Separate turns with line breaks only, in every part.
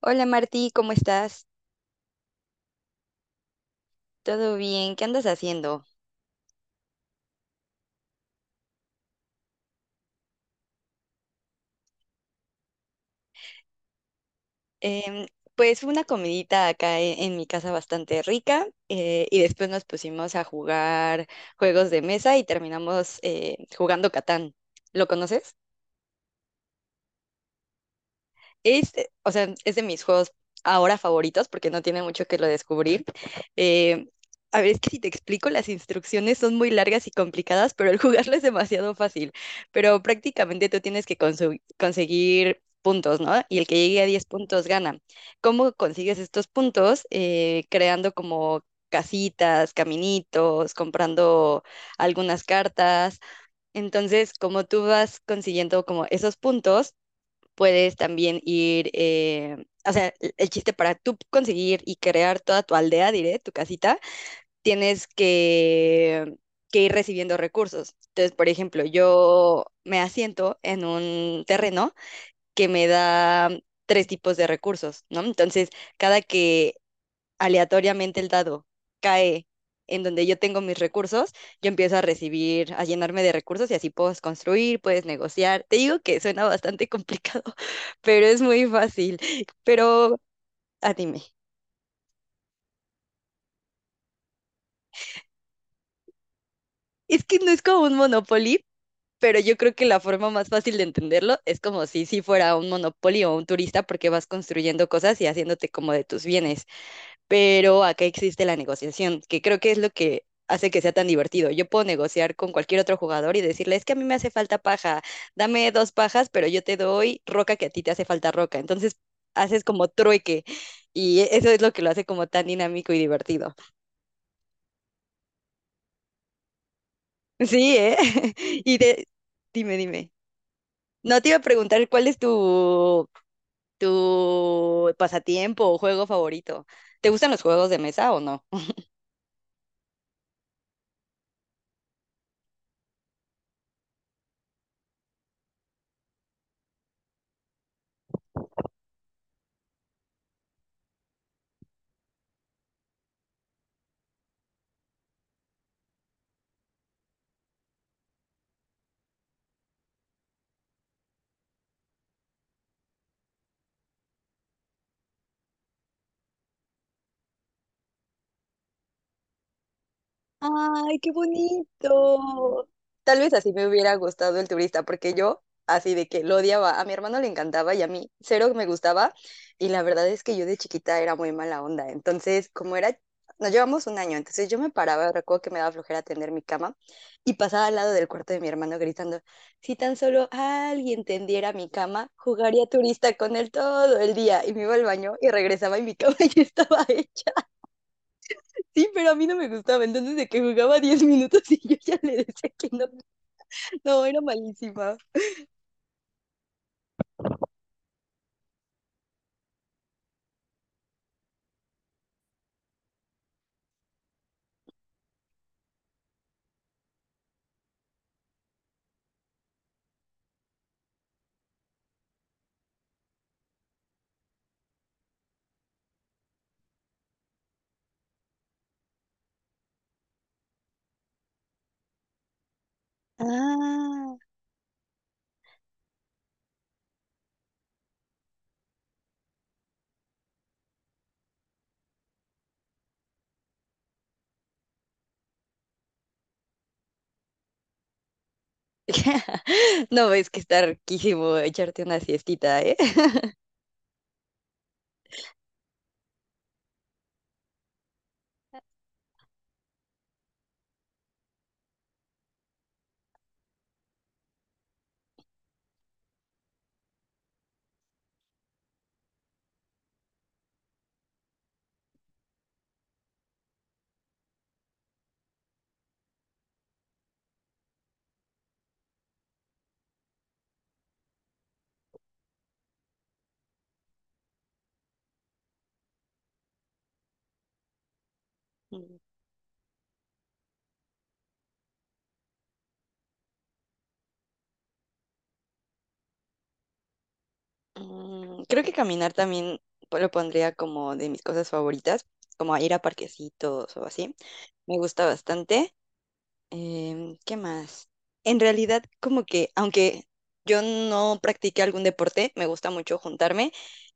Hola Martí, ¿cómo estás? ¿Todo bien? ¿Qué andas haciendo? Em, pues una comidita acá en mi casa, bastante rica, y después nos pusimos a jugar juegos de mesa y terminamos jugando Catán. ¿Lo conoces? O sea, es de mis juegos ahora favoritos porque no tiene mucho que lo descubrir. Eh, a ver, es que si te explico, las instrucciones son muy largas y complicadas, pero el jugarlo es demasiado fácil. Pero prácticamente tú tienes que conseguir puntos, ¿no? Y el que llegue a 10 puntos gana. ¿Cómo consigues estos puntos? Creando como casitas, caminitos, comprando algunas cartas. Entonces, como tú vas consiguiendo como esos puntos, puedes también ir, o sea, el chiste para tú conseguir y crear toda tu aldea, diré, tu casita, tienes que, que ir recibiendo recursos. Entonces, por ejemplo, yo me asiento en un terreno que me da tres tipos de recursos, ¿no? Entonces, cada que aleatoriamente el dado cae en donde yo tengo mis recursos, yo empiezo a recibir, a llenarme de recursos y así puedes construir, puedes negociar. Te digo que suena bastante complicado, pero es muy fácil. Pero, ah, dime, es que no es como un Monopoly, pero yo creo que la forma más fácil de entenderlo es como si fuera un Monopoly o un turista porque vas construyendo cosas y haciéndote como de tus bienes. Pero acá existe la negociación, que creo que es lo que hace que sea tan divertido. Yo puedo negociar con cualquier otro jugador y decirle, es que a mí me hace falta paja, dame dos pajas, pero yo te doy roca, que a ti te hace falta roca. Entonces haces como trueque y eso es lo que lo hace como tan dinámico y divertido. Sí, ¿eh? Y de... dime, dime. No, te iba a preguntar cuál es tu pasatiempo o juego favorito. ¿Te gustan los juegos de mesa o no? Ay, qué bonito. Tal vez así me hubiera gustado el turista, porque yo así de que lo odiaba. A mi hermano le encantaba y a mí cero me gustaba. Y la verdad es que yo de chiquita era muy mala onda. Entonces, como era, nos llevamos un año, entonces yo me paraba, recuerdo que me daba flojera tender mi cama y pasaba al lado del cuarto de mi hermano gritando, si tan solo alguien tendiera mi cama, jugaría turista con él todo el día. Y me iba al baño y regresaba y mi cama ya estaba hecha. Sí, pero a mí no me gustaba. Entonces, de que jugaba 10 minutos y yo ya le decía que no. No, era malísima. Ah, ¿no ves que está riquísimo echarte una siestita, eh? Mm, Creo que caminar también lo pondría como de mis cosas favoritas, como a ir a parquecitos o así. Me gusta bastante. ¿Qué más? En realidad, como que, aunque yo no practique algún deporte, me gusta mucho juntarme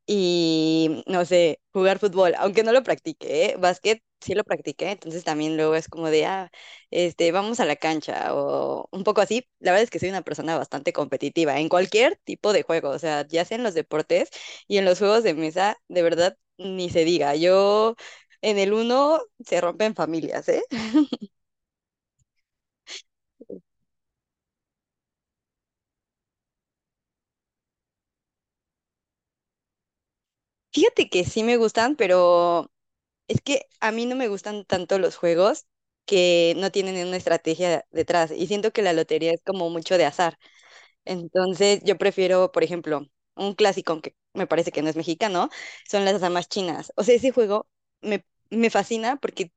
y, no sé, jugar fútbol, aunque no lo practique, ¿eh? Básquet sí lo practiqué, entonces también luego es como de, ah, este, vamos a la cancha o un poco así. La verdad es que soy una persona bastante competitiva en cualquier tipo de juego, o sea, ya sea en los deportes y en los juegos de mesa, de verdad, ni se diga. Yo en el uno se rompen familias, ¿eh? Fíjate que sí me gustan, pero es que a mí no me gustan tanto los juegos que no tienen una estrategia detrás y siento que la lotería es como mucho de azar. Entonces yo prefiero, por ejemplo, un clásico que me parece que no es mexicano, son las damas chinas. O sea, ese juego me fascina porque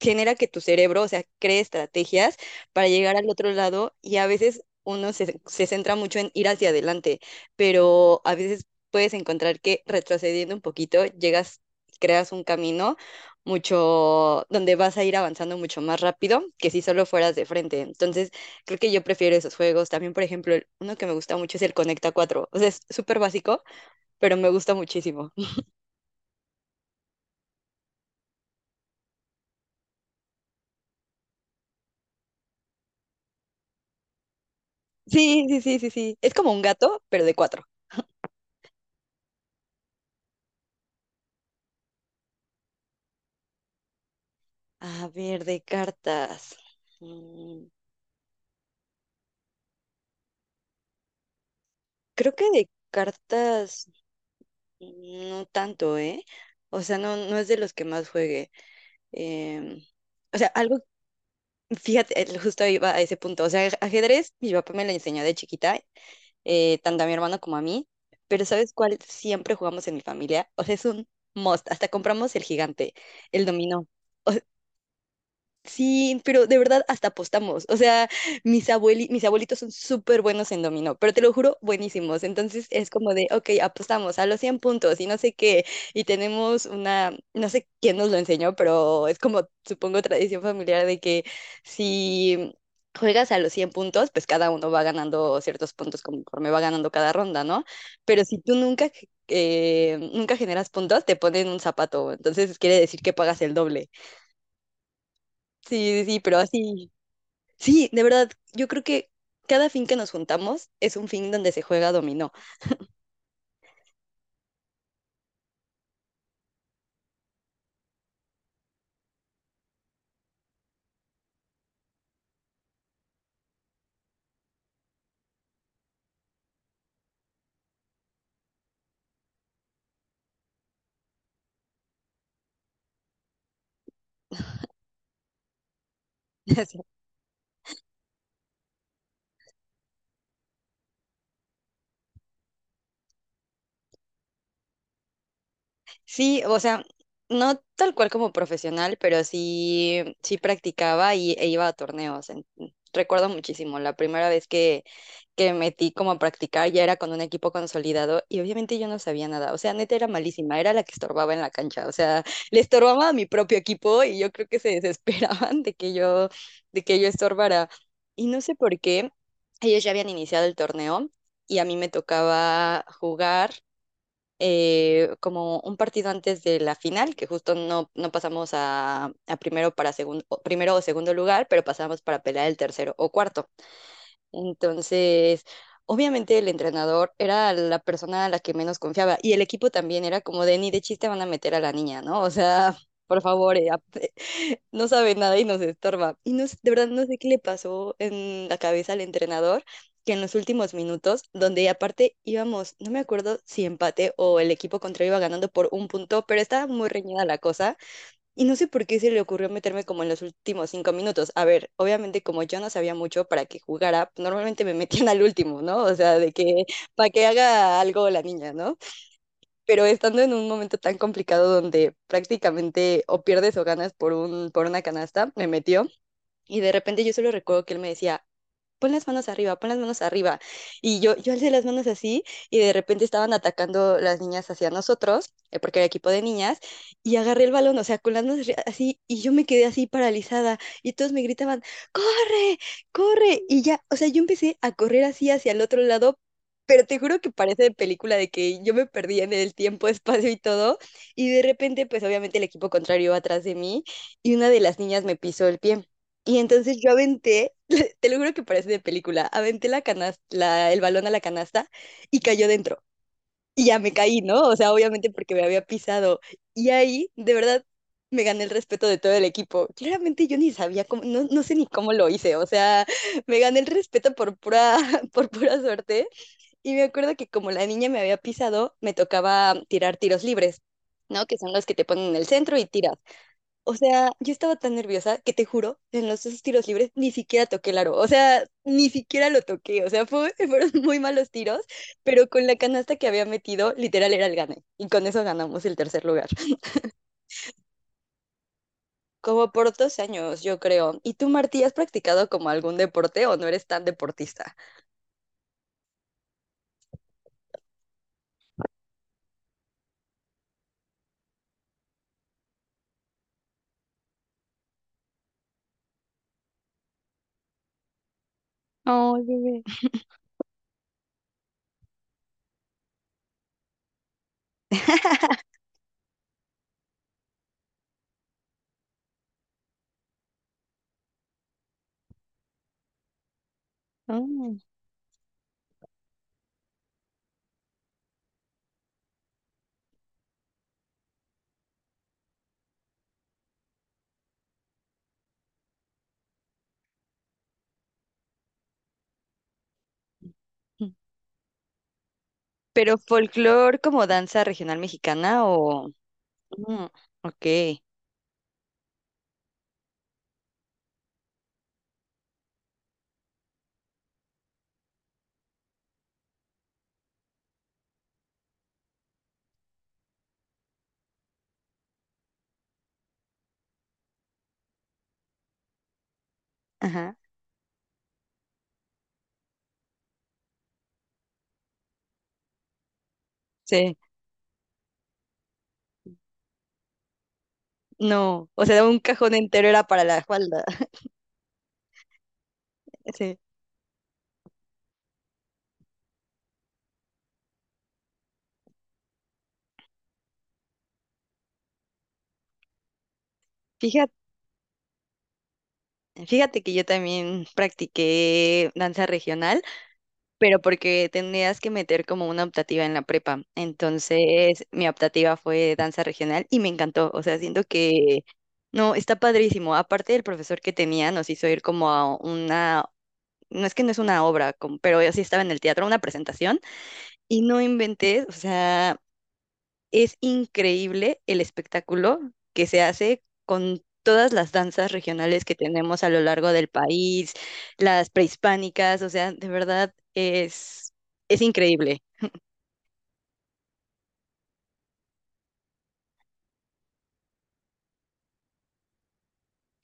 genera que tu cerebro, o sea, cree estrategias para llegar al otro lado y a veces uno se centra mucho en ir hacia adelante, pero a veces puedes encontrar que retrocediendo un poquito llegas, creas un camino mucho, donde vas a ir avanzando mucho más rápido que si solo fueras de frente. Entonces, creo que yo prefiero esos juegos. También, por ejemplo, uno que me gusta mucho es el Conecta cuatro. O sea, es súper básico, pero me gusta muchísimo. Sí, sí, sí, sí, sí. Es como un gato, pero de cuatro. A ver, de cartas. Mm, Creo que de cartas no tanto, ¿eh? O sea, no, no es de los que más juegue. Em, o sea, algo, fíjate, justo iba a ese punto. O sea, ajedrez, mi papá me lo enseñó de chiquita, tanto a mi hermano como a mí. Pero ¿sabes cuál siempre jugamos en mi familia? O sea, es un must. Hasta compramos el gigante, el dominó. Sí, pero de verdad hasta apostamos. O sea, mis abuelitos son súper buenos en dominó, pero te lo juro, buenísimos. Entonces es como de, ok, apostamos a los 100 puntos y no sé qué. Y tenemos una, no sé quién nos lo enseñó, pero es como, supongo, tradición familiar de que si juegas a los 100 puntos, pues cada uno va ganando ciertos puntos conforme va ganando cada ronda, ¿no? Pero si tú nunca, nunca generas puntos, te ponen un zapato. Entonces quiere decir que pagas el doble. Sí, sí, sí, pero así. Sí, de verdad, yo creo que cada fin que nos juntamos es un fin donde se juega dominó. Sí, o sea, no tal cual como profesional, pero sí, sí practicaba y, e iba a torneos. Recuerdo muchísimo, la primera vez que metí como a practicar, ya era con un equipo consolidado y obviamente yo no sabía nada. O sea, neta era malísima, era la que estorbaba en la cancha. O sea, le estorbaba a mi propio equipo y yo creo que se desesperaban de que yo estorbara. Y no sé por qué, ellos ya habían iniciado el torneo y a mí me tocaba jugar como un partido antes de la final, que justo no pasamos a primero, para segundo, primero o segundo lugar, pero pasamos para pelear el tercero o cuarto. Entonces, obviamente el entrenador era la persona a la que menos confiaba y el equipo también era como de ni de chiste van a meter a la niña, ¿no? O sea, por favor, no sabe nada y nos estorba. Y no, de verdad no sé qué le pasó en la cabeza al entrenador, que en los últimos minutos, donde aparte íbamos, no me acuerdo si empate o el equipo contrario iba ganando por un punto, pero estaba muy reñida la cosa. Y no sé por qué se le ocurrió meterme como en los últimos 5 minutos. A ver, obviamente como yo no sabía mucho para que jugara, pues, normalmente me metían al último, ¿no? O sea, de que para que haga algo la niña, ¿no? Pero estando en un momento tan complicado donde prácticamente o pierdes o ganas por por una canasta, me metió. Y de repente yo solo recuerdo que él me decía, pon las manos arriba, pon las manos arriba. Y yo alcé las manos así y de repente estaban atacando las niñas hacia nosotros, porque era equipo de niñas, y agarré el balón, o sea, con las manos así, y yo me quedé así paralizada y todos me gritaban, corre, corre. Y ya, o sea, yo empecé a correr así hacia el otro lado. Pero te juro que parece de película de que yo me perdía en el tiempo, espacio y todo. Y de repente, pues obviamente el equipo contrario iba atrás de mí y una de las niñas me pisó el pie. Y entonces yo aventé, te lo juro que parece de película. Aventé la canasta, el balón a la canasta y cayó dentro. Y ya me caí, ¿no? O sea, obviamente porque me había pisado. Y ahí, de verdad, me gané el respeto de todo el equipo. Claramente yo ni sabía cómo, no sé ni cómo lo hice. O sea, me gané el respeto por pura, por pura suerte. Y me acuerdo que como la niña me había pisado, me tocaba tirar tiros libres, ¿no? Que son los que te ponen en el centro y tiras. O sea, yo estaba tan nerviosa que te juro, en los esos tiros libres ni siquiera toqué el aro. O sea, ni siquiera lo toqué. O sea, fueron muy malos tiros, pero con la canasta que había metido, literal era el gane. Y con eso ganamos el tercer lugar. Como por 2 años, yo creo. ¿Y tú, Martí, has practicado como algún deporte o no eres tan deportista? Ay, bebé. Ay. Pero folclore como danza regional mexicana o... Mm, ok, ajá, sí, no, o sea, un cajón entero era para la falda, sí. Fíjate, fíjate que yo también practiqué danza regional, pero porque tenías que meter como una optativa en la prepa, entonces mi optativa fue danza regional y me encantó, o sea, siento que, no, está padrísimo, aparte del profesor que tenía nos hizo ir como a una... No es que no es una obra, como- pero yo sí estaba en el teatro, una presentación, y no inventé, o sea, es increíble el espectáculo que se hace con todas las danzas regionales que tenemos a lo largo del país, las prehispánicas, o sea, de verdad es increíble.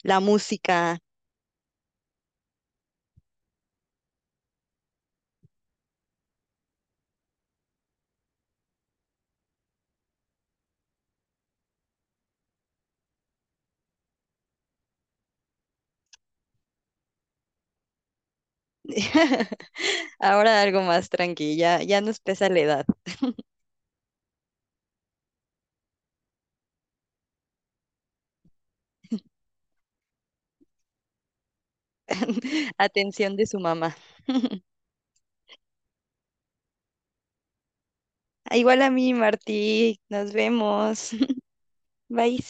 La música. Ahora algo más tranquila, ya nos pesa la edad. Atención de su mamá. Ah, igual a mí, Martí, nos vemos. Bye.